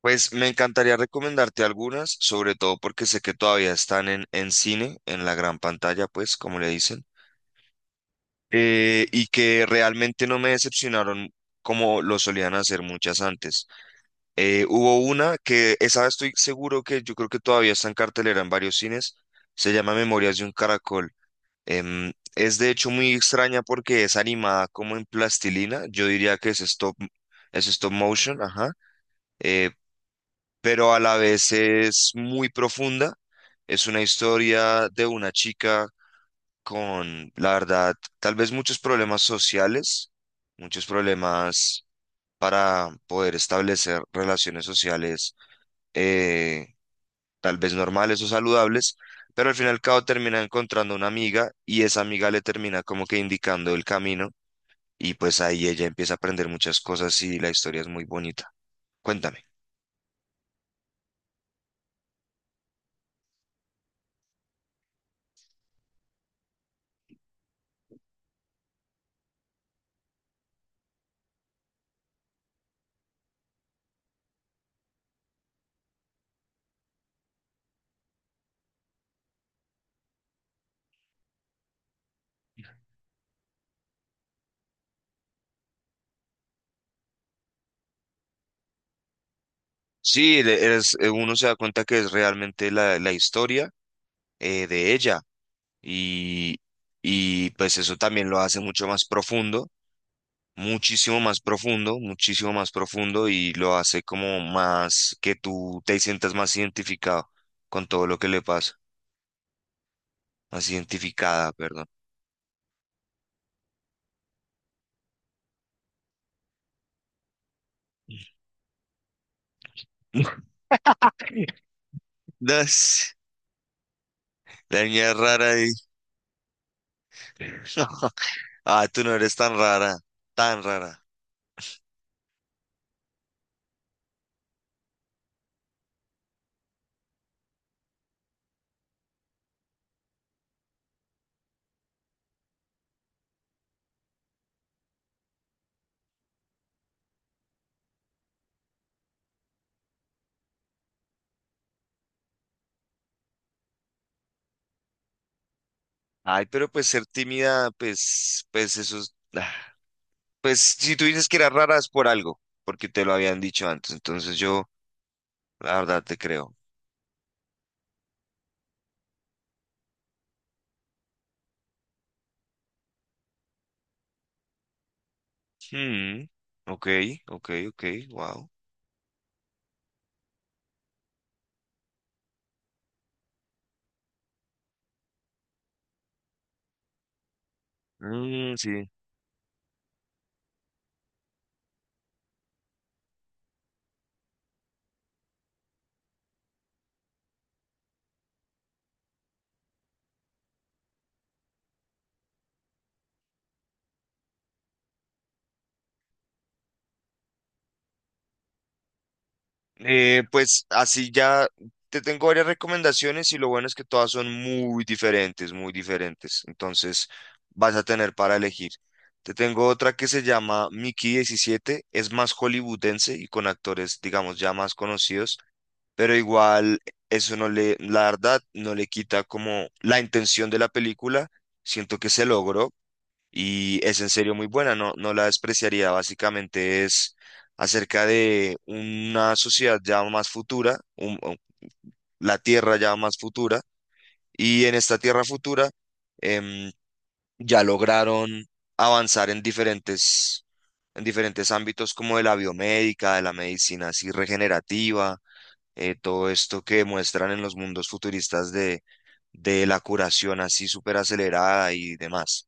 Pues me encantaría recomendarte algunas, sobre todo porque sé que todavía están en cine, en la gran pantalla, pues, como le dicen, y que realmente no me decepcionaron como lo solían hacer muchas antes. Hubo una que, esa estoy seguro que yo creo que todavía está en cartelera en varios cines, se llama Memorias de un Caracol. Es de hecho muy extraña porque es animada como en plastilina, yo diría que es stop motion, ajá. Eh, pero a la vez es muy profunda. Es una historia de una chica con, la verdad, tal vez muchos problemas sociales, muchos problemas para poder establecer relaciones sociales, eh, tal vez normales o saludables, pero al fin y al cabo termina encontrando una amiga y esa amiga le termina como que indicando el camino, y pues ahí ella empieza a aprender muchas cosas y la historia es muy bonita. Cuéntame. Sí, uno se da cuenta que es realmente la historia de ella y, y pues eso también lo hace mucho más profundo. Muchísimo más profundo, muchísimo más profundo, y lo hace como más que tú te sientas más identificado con todo lo que le pasa, más identificada, perdón. Das, la niña es rara ahí. Ah, tú no eres tan rara, tan rara. Ay, pero pues ser tímida, pues, pues eso es, ah, pues si tú dices que eras rara es por algo, porque te lo habían dicho antes, entonces yo, la verdad, te creo. Hmm, ok, ok, ok, wow. Mm, sí. Pues así ya te tengo varias recomendaciones y lo bueno es que todas son muy diferentes, muy diferentes. Entonces vas a tener para elegir. Te tengo otra que se llama Mickey 17. Es más hollywoodense y con actores, digamos, ya más conocidos, pero igual eso no le, la verdad, no le quita como la intención de la película. Siento que se logró, y es en serio muy buena, no, no la despreciaría. Básicamente es acerca de una sociedad ya más futura, o la Tierra ya más futura, y en esta Tierra futura, em, ya lograron avanzar en diferentes ámbitos como de la biomédica, de la medicina así regenerativa, todo esto que muestran en los mundos futuristas de la curación así súper acelerada y demás.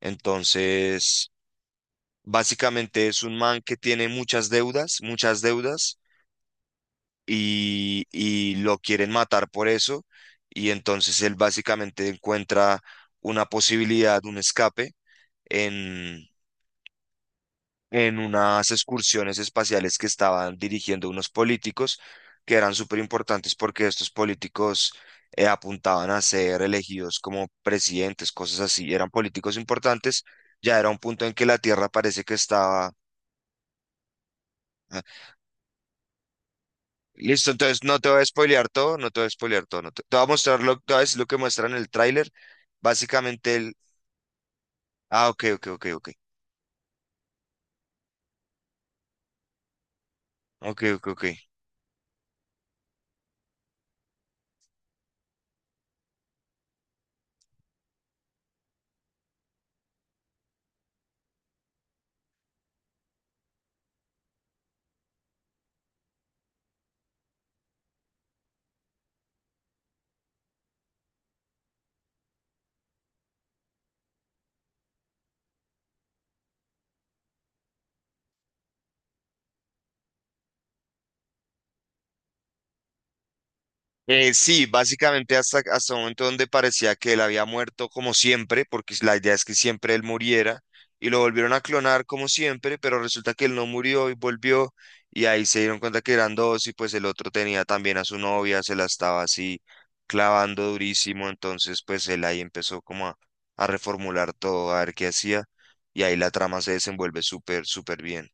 Entonces, básicamente es un man que tiene muchas deudas, y lo quieren matar por eso. Y entonces él básicamente encuentra una posibilidad, un escape en, en unas excursiones espaciales que estaban dirigiendo unos políticos que eran súper importantes porque estos políticos apuntaban a ser elegidos como presidentes, cosas así. Eran políticos importantes. Ya era un punto en que la Tierra parece que estaba... Ah, listo, entonces no te voy a spoilear todo, no te voy a spoilear todo, no te, te voy a mostrar lo, te voy a decir lo que muestra en el tráiler. Básicamente el... Ah, ok, ok, ok, ok. Ok, ok, ok. Sí, básicamente hasta, hasta un momento donde parecía que él había muerto como siempre, porque la idea es que siempre él muriera, y lo volvieron a clonar como siempre, pero resulta que él no murió y volvió, y ahí se dieron cuenta que eran dos, y pues el otro tenía también a su novia, se la estaba así clavando durísimo, entonces pues él ahí empezó como a reformular todo, a ver qué hacía, y ahí la trama se desenvuelve súper, súper bien.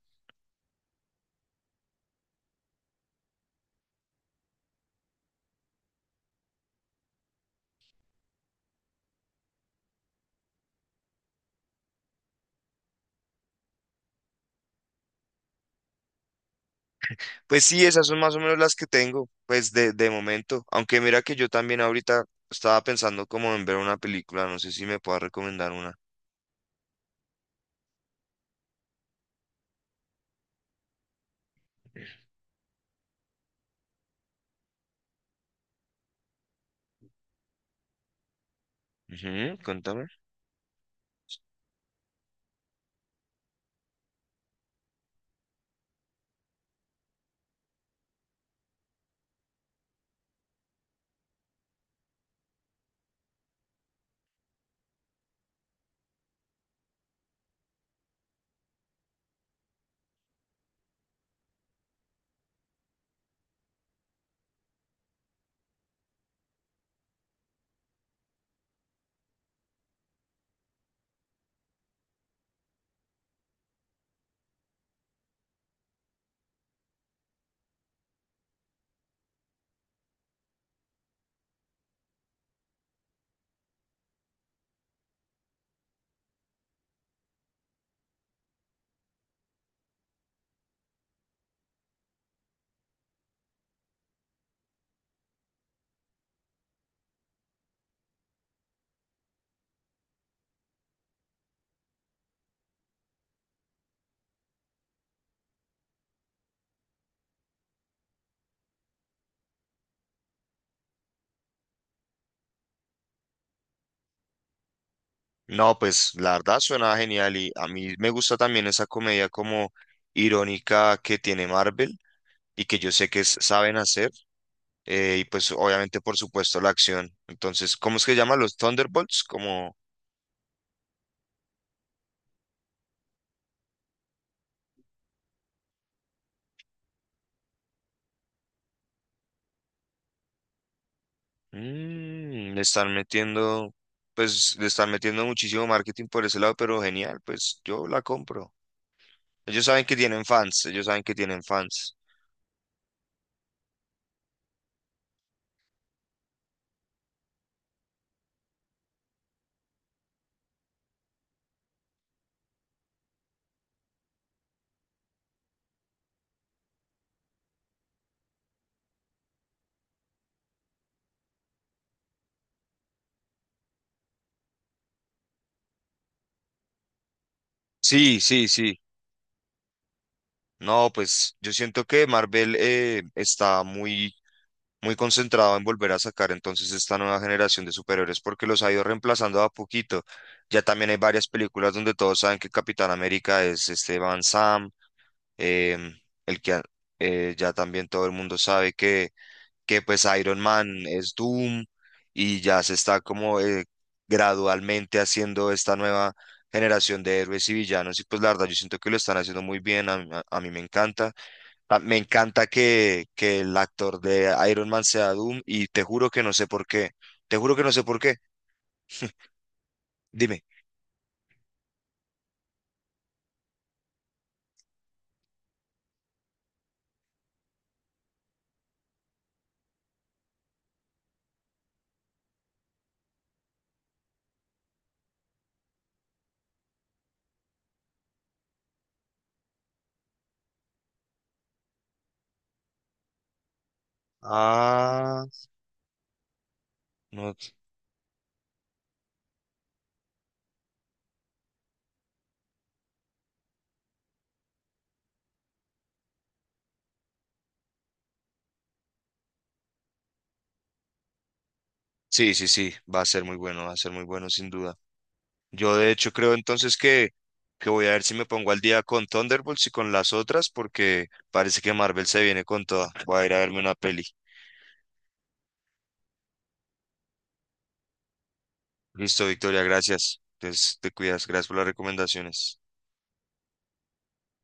Pues sí, esas son más o menos las que tengo, pues de momento. Aunque mira que yo también ahorita estaba pensando como en ver una película, no sé si me puedas recomendar una. Ujú, cuéntame. No, pues la verdad suena genial y a mí me gusta también esa comedia como irónica que tiene Marvel y que yo sé que saben hacer, y pues obviamente por supuesto la acción. Entonces, ¿cómo es que llaman los Thunderbolts? Como mm, le están metiendo, pues le están metiendo muchísimo marketing por ese lado, pero genial, pues yo la compro. Ellos saben que tienen fans, ellos saben que tienen fans. Sí, sí, sí. No, pues yo siento que Marvel está muy, muy concentrado en volver a sacar entonces esta nueva generación de superhéroes porque los ha ido reemplazando a poquito. Ya también hay varias películas donde todos saben que Capitán América es este Van Sam, em, el que a- ya también todo el mundo sabe que pues Iron Man es Doom, y ya se está como gradualmente haciendo esta nueva generación de héroes y villanos, y pues la verdad yo siento que lo están haciendo muy bien, a mí me encanta. Me encanta que el actor de Iron Man sea Doom, y te juro que no sé por qué, te juro que no sé por qué, dime. Ah, no. Sí, sí, sí, va a ser muy bueno, va a ser muy bueno sin duda. Yo de hecho creo entonces que voy a ver si me pongo al día con Thunderbolts y con las otras, porque parece que Marvel se viene con toda. Voy a ir a verme una peli. Listo, Victoria, gracias. Entonces te cuidas, gracias por las recomendaciones.